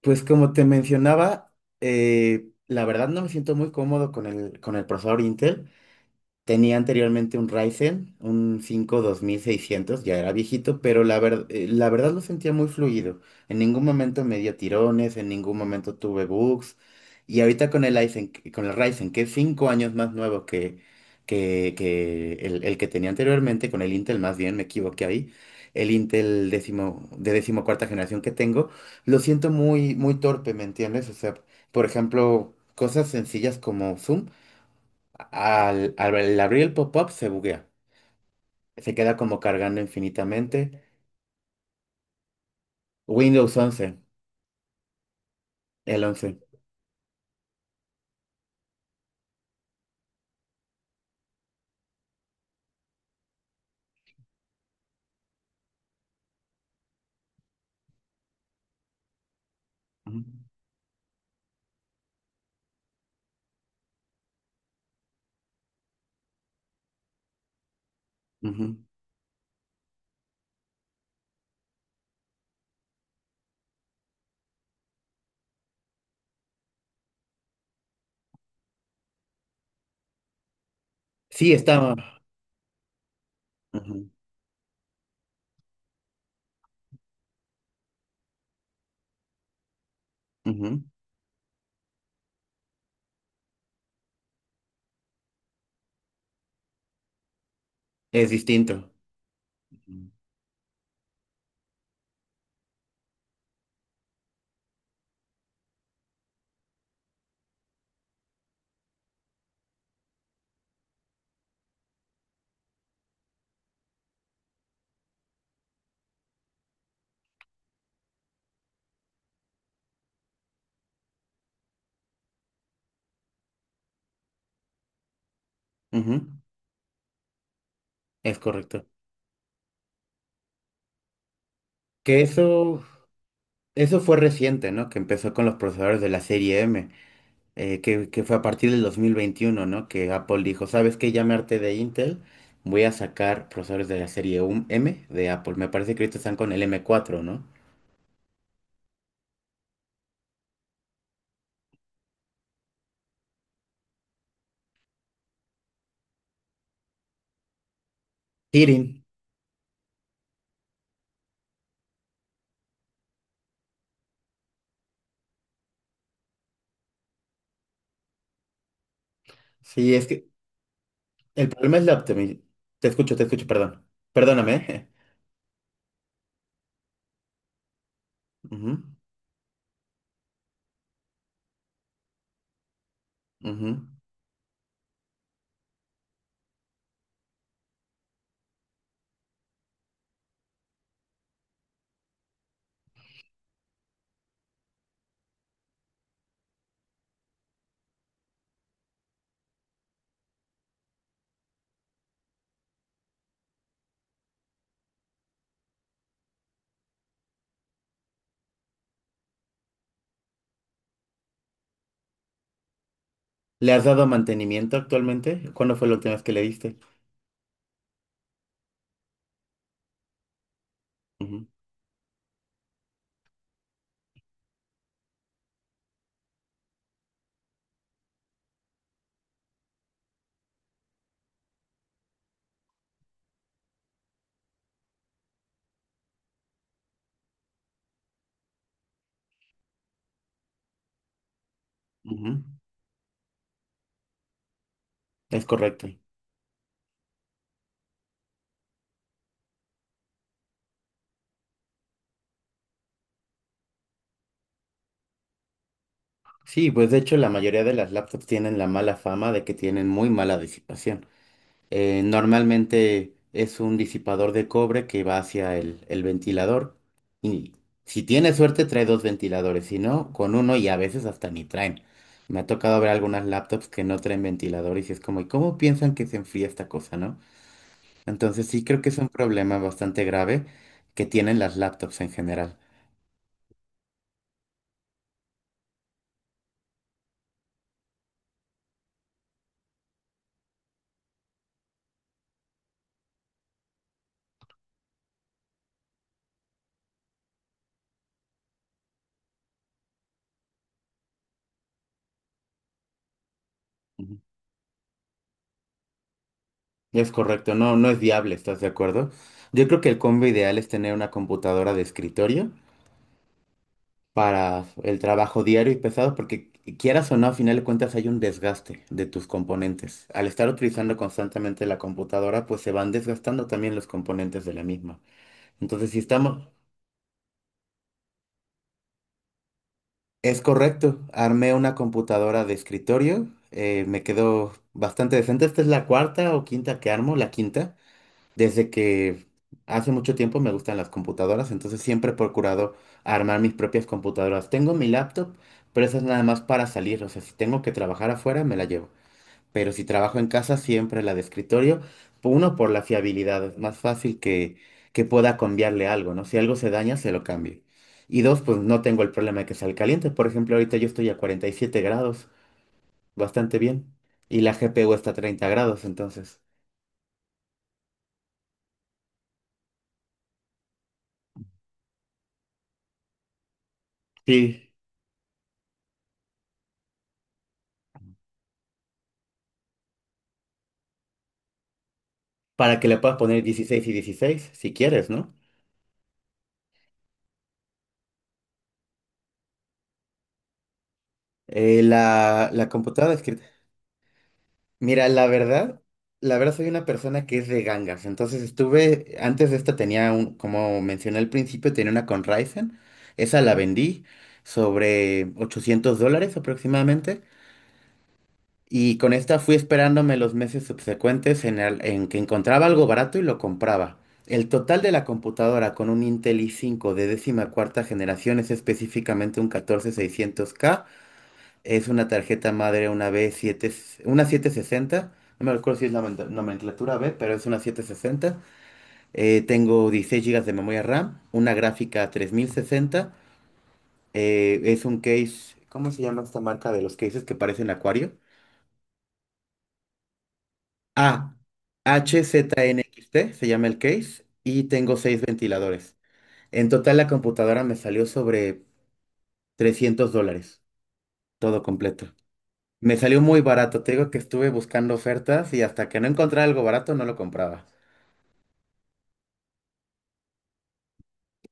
Pues como te mencionaba, la verdad no me siento muy cómodo con con el procesador Intel. Tenía anteriormente un Ryzen, un 5 2600, ya era viejito, pero la verdad lo sentía muy fluido. En ningún momento me dio tirones, en ningún momento tuve bugs. Y ahorita con el con el Ryzen, que es 5 años más nuevo que el que tenía anteriormente, con el Intel más bien, me equivoqué ahí. El Intel de decimocuarta generación que tengo lo siento muy, muy torpe, ¿me entiendes? O sea, por ejemplo, cosas sencillas como Zoom. Al abrir el pop-up se buguea. Se queda como cargando infinitamente. Windows once. El once. Ujú, ujú. Sí, está. Ujú, ujú. Es distinto. Ujú, ujú. Es correcto. Que eso, eso fue reciente, ¿no? Que empezó con los procesadores de la serie M, que fue a partir del 2021, ¿no? Que Apple dijo, ¿sabes qué? Ya me harté de Intel, voy a sacar procesadores de la serie M de Apple. Me parece que ahorita están con el M4, ¿no? Kirin. Sí, es que... El problema es la optimización. Te escucho, perdón. Perdóname. Ujú, ujú. ¿Le has dado mantenimiento actualmente? ¿Cuándo fue la última vez que le diste? Ujú, ujú. Es correcto. Sí, pues de hecho la mayoría de las laptops tienen la mala fama de que tienen muy mala disipación. Normalmente es un disipador de cobre que va hacia el ventilador. Y si tienes suerte, trae dos ventiladores. Si no, con uno, y a veces hasta ni traen. Me ha tocado ver algunas laptops que no traen ventilador y si es como, ¿y cómo piensan que se enfría esta cosa, no? Entonces sí creo que es un problema bastante grave que tienen las laptops en general. Ujú. Es correcto, no, no es viable, ¿estás de acuerdo? Yo creo que el combo ideal es tener una computadora de escritorio para el trabajo diario y pesado, porque quieras o no, a final de cuentas hay un desgaste de tus componentes. Al estar utilizando constantemente la computadora, pues se van desgastando también los componentes de la misma. Entonces, si estamos, es correcto, armé una computadora de escritorio, me quedó bastante decente. Esta es la cuarta o quinta que armo, la quinta. Desde que hace mucho tiempo me gustan las computadoras, entonces siempre he procurado armar mis propias computadoras. Tengo mi laptop, pero esa es nada más para salir. O sea, si tengo que trabajar afuera, me la llevo. Pero si trabajo en casa, siempre la de escritorio. Uno, por la fiabilidad. Es más fácil que pueda cambiarle algo, ¿no? Si algo se daña, se lo cambio. Y dos, pues no tengo el problema de que salga caliente. Por ejemplo, ahorita yo estoy a 47 grados, bastante bien. Y la GPU está a 30 grados, entonces. Sí. Para que le puedas poner 16 y 16, si quieres, ¿no? La computadora escrita. Mira, la verdad soy una persona que es de gangas. Entonces estuve, antes de esta tenía un, como mencioné al principio, tenía una con Ryzen. Esa la vendí sobre 800 dólares aproximadamente. Y con esta fui esperándome los meses subsecuentes en que encontraba algo barato y lo compraba. El total de la computadora con un Intel i5 de 14.ª generación es específicamente un 14600K. Es una tarjeta madre, una B7, una 760. No me acuerdo si es la nomenclatura B, pero es una 760. Tengo 16 gigas de memoria RAM, una gráfica 3060. Es un case. ¿Cómo se llama esta marca de los cases que parecen acuario? A, HZNXT, se llama el case, y tengo seis ventiladores. En total la computadora me salió sobre 300 dólares, todo completo. Me salió muy barato, te digo que estuve buscando ofertas, y hasta que no encontraba algo barato no lo compraba.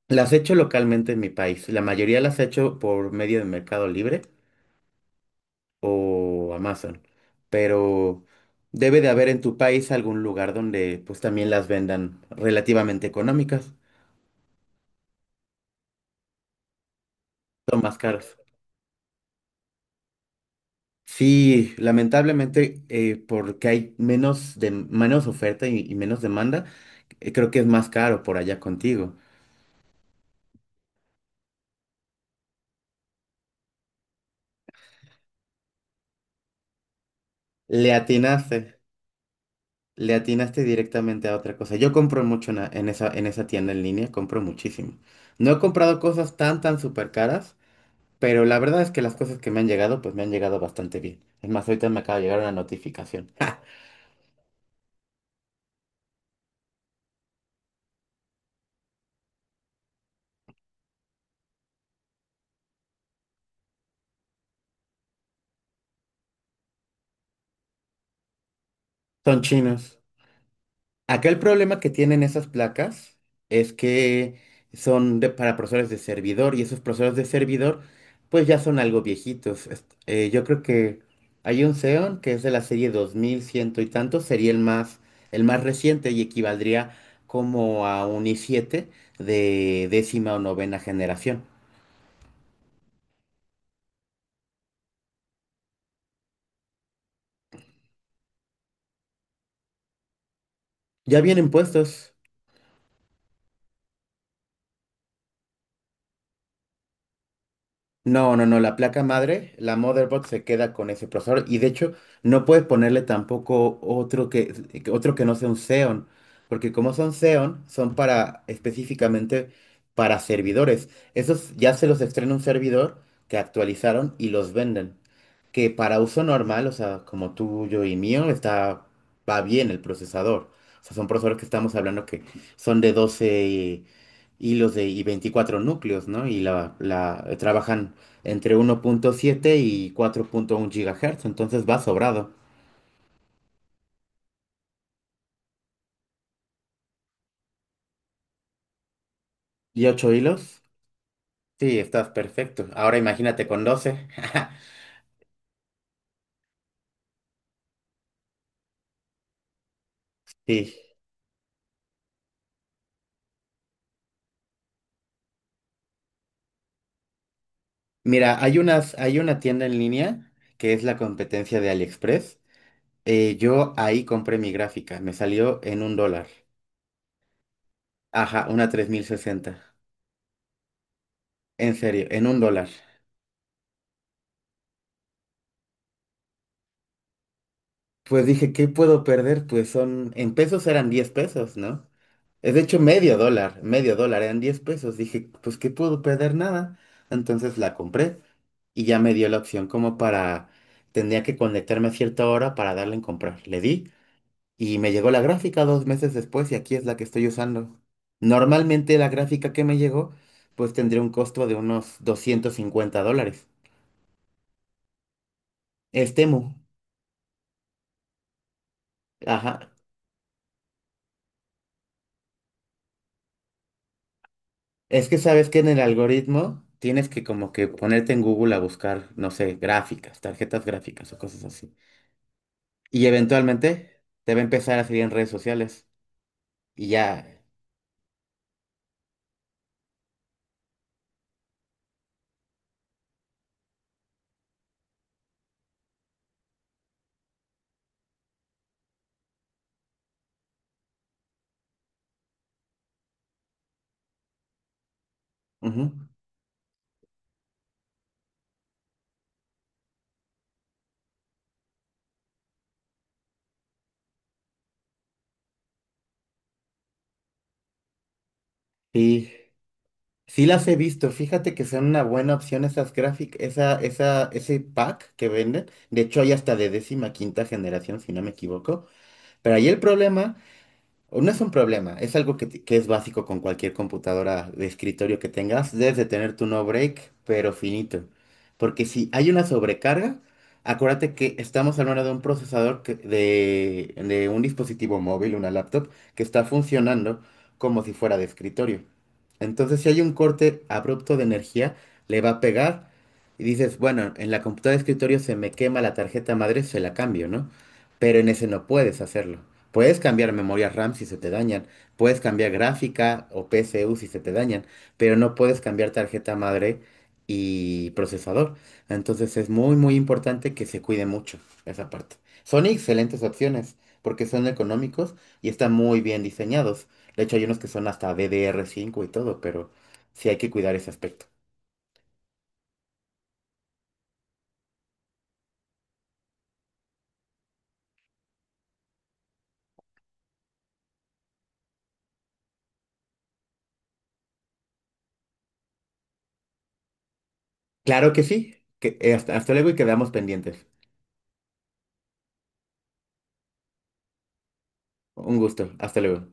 Las he hecho localmente en mi país, la mayoría las he hecho por medio de Mercado Libre o Amazon, pero debe de haber en tu país algún lugar donde pues también las vendan relativamente económicas. Son más caras. Sí, lamentablemente, porque hay menos, de, menos oferta y menos demanda, creo que es más caro por allá contigo. Le atinaste, le atinaste directamente a otra cosa. Yo compro mucho en esa tienda en línea, compro muchísimo. No he comprado cosas tan, tan súper caras, pero la verdad es que las cosas que me han llegado, pues me han llegado bastante bien. Es más, ahorita me acaba de llegar una notificación. Son chinos. Acá el problema que tienen esas placas es que son para procesadores de servidor, y esos procesadores de servidor pues ya son algo viejitos. Yo creo que hay un Xeon que es de la serie 2100 y tanto, sería el más reciente y equivaldría como a un i7 de 10.ª o novena generación. Ya vienen puestos. No, no, no, la placa madre, la motherboard se queda con ese procesador, y de hecho no puedes ponerle tampoco otro que no sea un Xeon, porque como son Xeon, son para específicamente para servidores. Esos ya se los estrena un servidor que actualizaron y los venden, que para uso normal, o sea, como tuyo y mío, está, va bien el procesador. O sea, son procesadores que estamos hablando que son de 12 y 24 núcleos, ¿no? Y trabajan entre 1.7 y 4.1 gigahertz, entonces va sobrado. ¿Y 8 hilos? Sí, estás perfecto. Ahora imagínate con 12. Sí. Mira, hay una tienda en línea que es la competencia de AliExpress. Yo ahí compré mi gráfica, me salió en un dólar. Ajá, una tres mil sesenta. En serio, en un dólar. Pues dije, ¿qué puedo perder? Pues son, en pesos eran 10 pesos, ¿no? Es de hecho medio dólar, eran 10 pesos. Dije, pues ¿qué puedo perder? Nada. Entonces la compré, y ya me dio la opción como para... Tendría que conectarme a cierta hora para darle en comprar. Le di. Y me llegó la gráfica 2 meses después, y aquí es la que estoy usando. Normalmente la gráfica que me llegó pues tendría un costo de unos 250 dólares. Es Temu. Ajá. Es que sabes que en el algoritmo tienes que como que ponerte en Google a buscar, no sé, gráficas, tarjetas gráficas o cosas así. Y eventualmente te va a empezar a salir en redes sociales. Y ya. Ujú. Sí. Sí las he visto, fíjate que son una buena opción esas gráficas, ese pack que venden. De hecho, hay hasta de 15.ª generación, si no me equivoco. Pero ahí el problema, o no es un problema, es algo que es básico con cualquier computadora de escritorio que tengas. Debes de tener tu no break, pero finito. Porque si hay una sobrecarga, acuérdate que estamos hablando de un de un dispositivo móvil, una laptop, que está funcionando como si fuera de escritorio. Entonces, si hay un corte abrupto de energía, le va a pegar, y dices, bueno, en la computadora de escritorio se me quema la tarjeta madre, se la cambio, ¿no? Pero en ese no puedes hacerlo. Puedes cambiar memoria RAM si se te dañan, puedes cambiar gráfica o PCU si se te dañan, pero no puedes cambiar tarjeta madre y procesador. Entonces es muy, muy importante que se cuide mucho esa parte. Son excelentes opciones porque son económicos y están muy bien diseñados. De hecho, hay unos que son hasta DDR5 y todo, pero sí hay que cuidar ese aspecto. Claro que sí. Hasta, luego, y quedamos pendientes. Un gusto. Hasta luego.